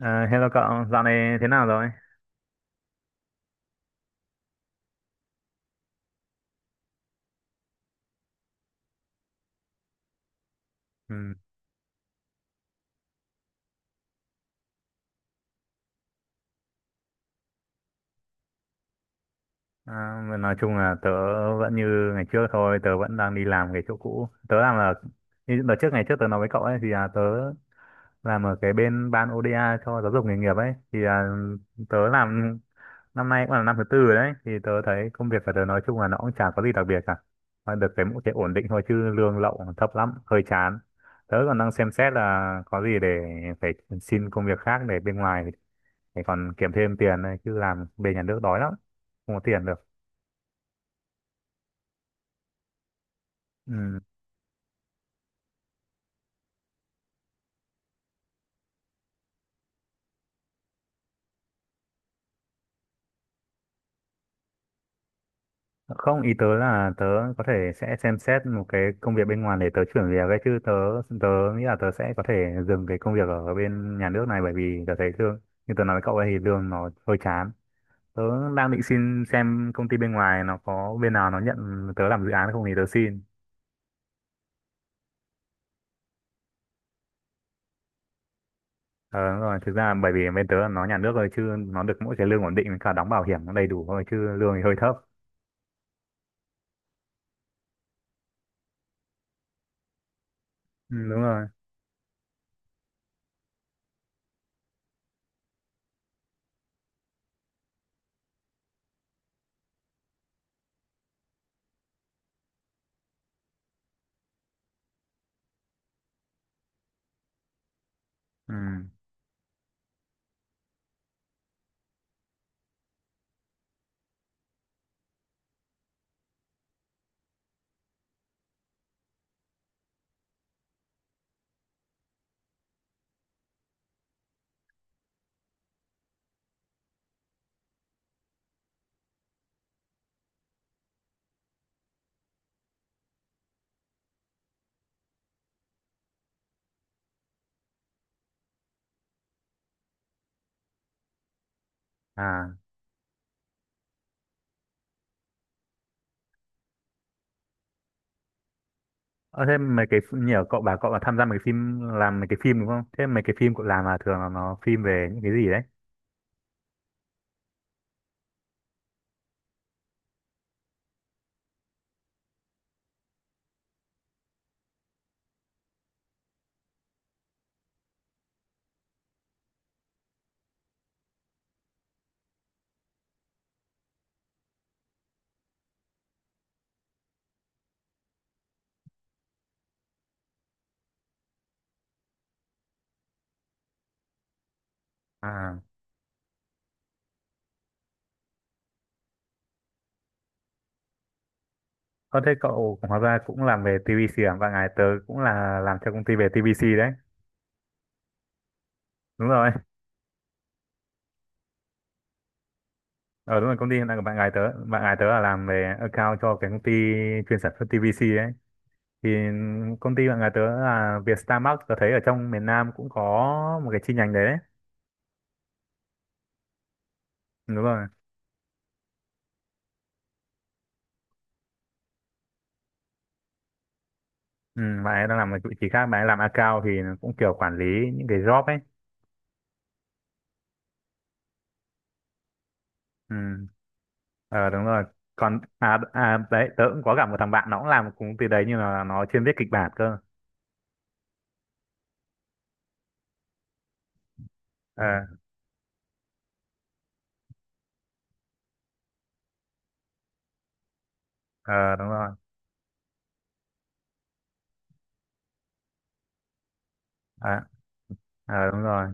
À, hello cậu, dạo này thế nào rồi? Ừ. À, mà nói chung là tớ vẫn như ngày trước thôi, tớ vẫn đang đi làm cái chỗ cũ. Tớ làm là, như đợt trước ngày trước tớ nói với cậu ấy, tớ làm ở cái bên ban ODA cho giáo dục nghề nghiệp ấy. Tớ làm năm nay cũng là năm thứ tư rồi đấy. Thì tớ thấy công việc của tớ nói chung là nó cũng chả có gì đặc biệt cả, mà được cái mỗi cái ổn định thôi, chứ lương lậu thấp lắm, hơi chán. Tớ còn đang xem xét là có gì để phải xin công việc khác để bên ngoài, để còn kiếm thêm tiền này, chứ làm bên nhà nước đói lắm, không có tiền được. Ừ. Không, ý tớ là tớ có thể sẽ xem xét một cái công việc bên ngoài để tớ chuyển việc ấy, chứ tớ tớ nghĩ là tớ sẽ có thể dừng cái công việc ở bên nhà nước này, bởi vì tớ thấy lương như tớ nói với cậu ấy thì lương nó hơi chán. Tớ đang định xin xem công ty bên ngoài nó có bên nào nó nhận tớ làm dự án không thì tớ xin. Ờ, đúng rồi, thực ra bởi vì bên tớ là nó nhà nước rồi, chứ nó được mỗi cái lương ổn định với cả đóng bảo hiểm nó đầy đủ thôi, chứ lương thì hơi thấp. Ừ, đúng rồi. Ừ. à ờ, Thế mấy cái nhờ cậu bà cậu là tham gia mấy cái phim, làm mấy cái phim đúng không? Thế mấy cái phim cậu làm là thường là nó phim về những cái gì đấy? À, có thế cậu hóa ra cũng làm về TVC à? Và ngày tớ cũng là làm cho công ty về TVC đấy. Đúng rồi. Ờ Đúng rồi, công ty hiện tại của bạn gái tớ, bạn gái tớ là làm về account cho cái công ty chuyên sản xuất TVC ấy. Thì công ty bạn gái tớ là Vietstarmark, tớ thấy ở trong miền Nam cũng có một cái chi nhánh đấy đấy. Đúng rồi. Ừ, bạn ấy đang làm một vị trí khác, bạn ấy làm account thì cũng kiểu quản lý những cái job ấy. Ừ. Ờ, đúng rồi. Còn à, đấy tớ cũng có gặp một thằng bạn nó cũng làm một công ty đấy, nhưng mà nó chuyên viết kịch bản cơ. Ờ. Ờ đúng rồi. à, ờ đúng rồi,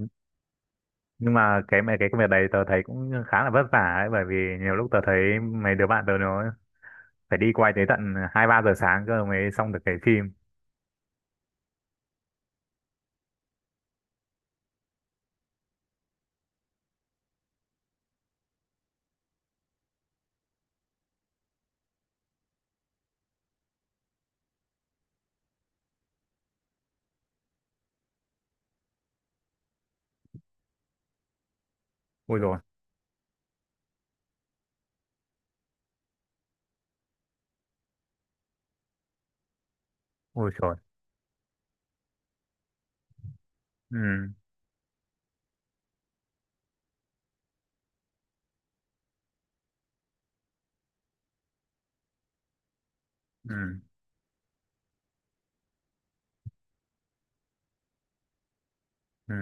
nhưng mà cái công việc đấy tớ thấy cũng khá là vất vả ấy, bởi vì nhiều lúc tớ thấy mấy đứa bạn tớ nó phải đi quay tới tận hai ba giờ sáng cơ mới xong được cái phim. Ui rồi. Ui rồi. Ừ. Ừ. Ừ.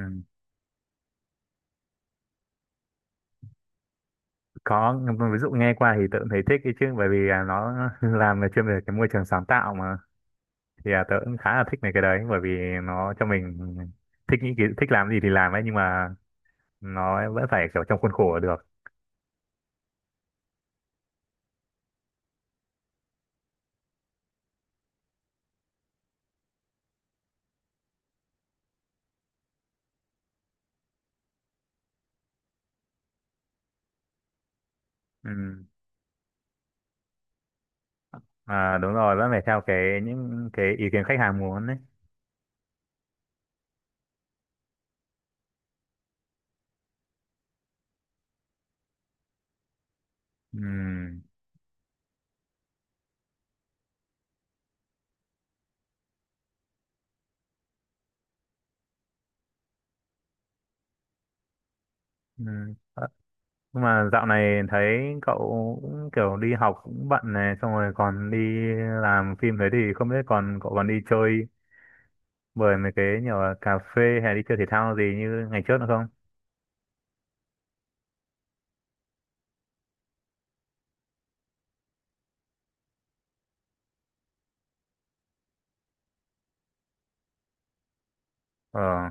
Có, ví dụ nghe qua thì tớ cũng thấy thích ấy chứ, bởi vì à, nó làm về chuyên về cái môi trường sáng tạo mà. Tớ cũng khá là thích mấy cái đấy, bởi vì nó cho mình thích thích làm gì thì làm ấy, nhưng mà nó vẫn phải kiểu trong khuôn khổ được. Ừ. À, đúng rồi, vẫn phải theo cái những cái ý kiến khách hàng muốn đấy. Ừ. Ừ. Ờ. Nhưng mà dạo này thấy cậu cũng kiểu đi học cũng bận này, xong rồi còn đi làm phim thế, thì không biết còn cậu còn đi chơi bởi mấy cái nhiều là cà phê hay đi chơi thể thao gì như ngày trước nữa không? Ờ.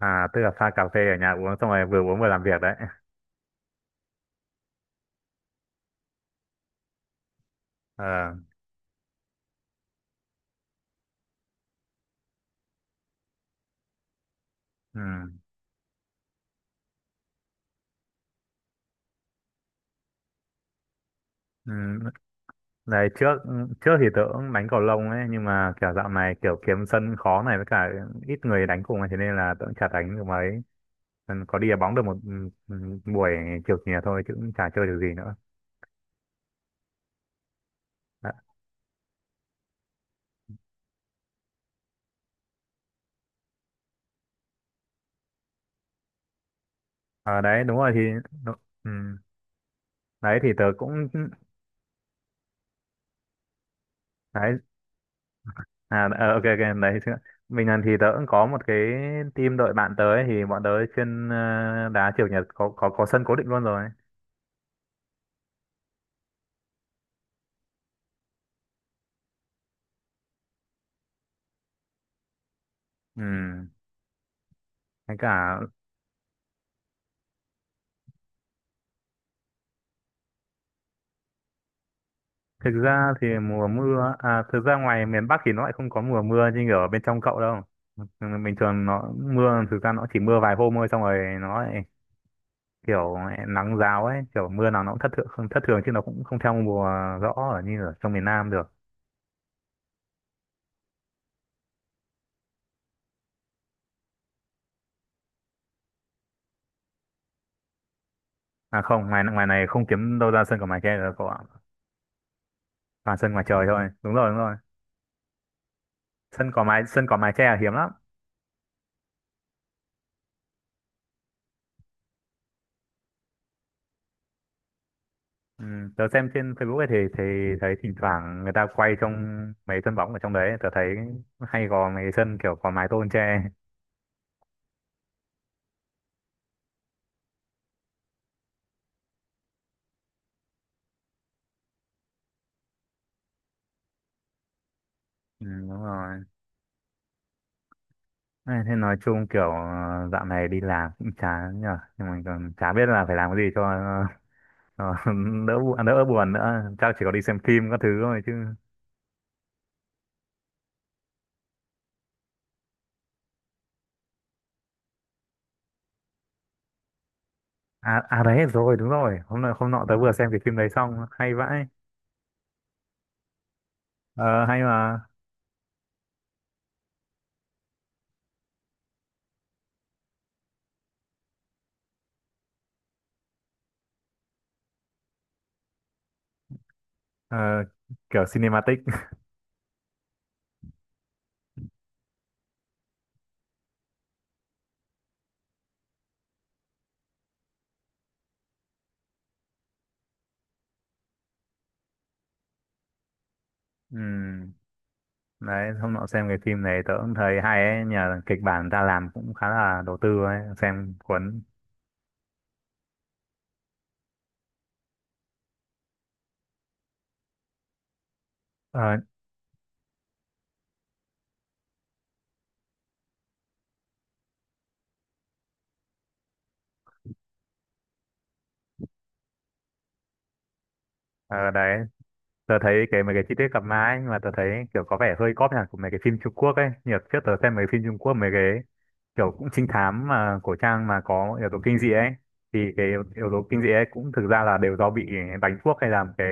À, tức là pha cà phê ở nhà uống, xong rồi vừa uống vừa làm việc đấy. Ờ. Ừ. Ừ. Đấy trước, trước thì tớ cũng đánh cầu lông ấy, nhưng mà kiểu dạo này kiểu kiếm sân khó này, với cả ít người đánh cùng ấy, thế nên là tớ cũng chả đánh được mấy. Ừ, có đi đá bóng được một buổi chiều chiều thôi chứ cũng chả chơi được gì nữa. Đã- ờ đấy đúng rồi, thì đú- ừ, đấy thì tớ cũng đấy. À ờ, ok ok đấy chứ, mình lần thì tớ cũng có một cái team đội bạn tớ ấy, thì bọn tớ chuyên đá chiều chủ nhật, có sân cố định luôn rồi. Ừ. Với cả thực ra thì mùa mưa à, thực ra ngoài miền Bắc thì nó lại không có mùa mưa như ở bên trong cậu đâu. Ừ, bình thường nó mưa, thực ra nó chỉ mưa vài hôm thôi xong rồi nó lại kiểu nắng giáo ấy, kiểu mưa nào nó cũng thất thường, không thất thường chứ nó cũng không theo mùa rõ ở như ở trong miền Nam được. À không, ngoài ngoài này không kiếm đâu ra sân cỏ mái che được cậu ạ, toàn sân ngoài trời thôi, đúng rồi đúng rồi. Sân cỏ mái che là hiếm lắm. Ừ, tớ xem trên Facebook ấy thì thấy thỉnh thoảng người ta quay trong mấy sân bóng ở trong đấy, tớ thấy hay có mấy sân kiểu cỏ mái tôn che. Ừ, đúng rồi. Thế thế nói chung kiểu ờ, dạo này đi làm cũng chán nhờ, nhưng mà còn chả biết là phải làm cái gì cho ờ, đỡ đỡ buồn nữa, chắc chỉ có đi xem phim các thứ thôi chứ. À, đấy rồi đúng rồi, hôm nọ tớ vừa xem cái phim đấy xong, hay vãi. Ờ, hay mà. Ờ, kiểu cinematic. Ừ. Đấy hôm nọ xem cái phim này tớ cũng thấy hay ấy nhờ, kịch bản người ta làm cũng khá là đầu tư ấy, xem cuốn. Ờ. Ờ. Đấy, tớ thấy cái mấy cái chi tiết cặp má ấy, nhưng mà tớ thấy kiểu có vẻ hơi cóp nhỉ của mấy cái phim Trung Quốc ấy, nhiều trước tớ xem mấy phim Trung Quốc mấy cái kiểu cũng trinh thám mà cổ trang mà có yếu tố kinh dị ấy, thì cái yếu yếu tố kinh dị ấy cũng thực ra là đều do bị đánh thuốc hay là một cái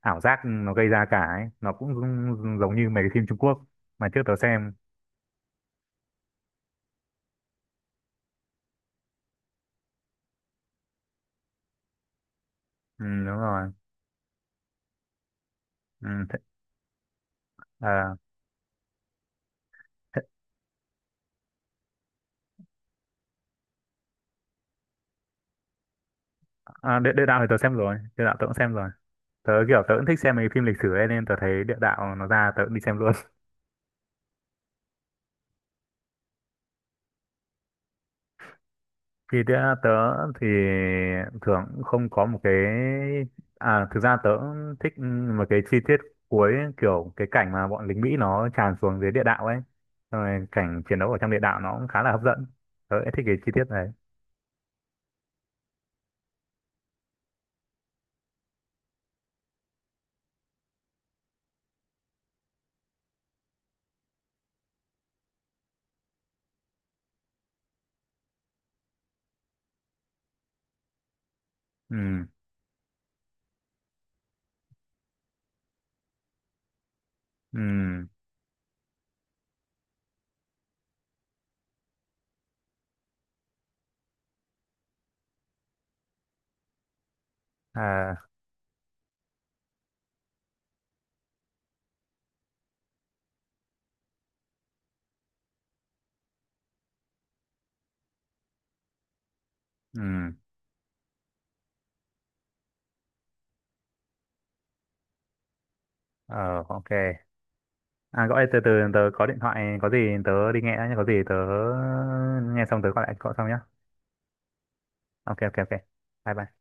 ảo giác nó gây ra cả ấy, nó cũng giống giống như mấy cái phim Trung Quốc mà trước tớ xem. Ừ, đúng rồi. ừ, th à, th Địa đạo thì tớ xem rồi, địa đạo tớ cũng xem rồi, tớ cũng thích xem mấy cái phim lịch sử ấy nên tớ thấy địa đạo nó ra tớ cũng đi xem luôn. Thì tớ thì thường cũng không có một cái, à thực ra tớ cũng thích một cái chi tiết cuối kiểu cái cảnh mà bọn lính Mỹ nó tràn xuống dưới địa đạo ấy, xong rồi cảnh chiến đấu ở trong địa đạo nó cũng khá là hấp dẫn, tớ lại thích cái chi tiết này. Ừ. Ừ. À. Ừ. Ờ ok. À gọi từ từ tớ có điện thoại, có gì tớ đi nghe đã nhé, có gì tớ nghe xong tớ gọi lại cậu sau nhé. Ok ok ok. Bye bye.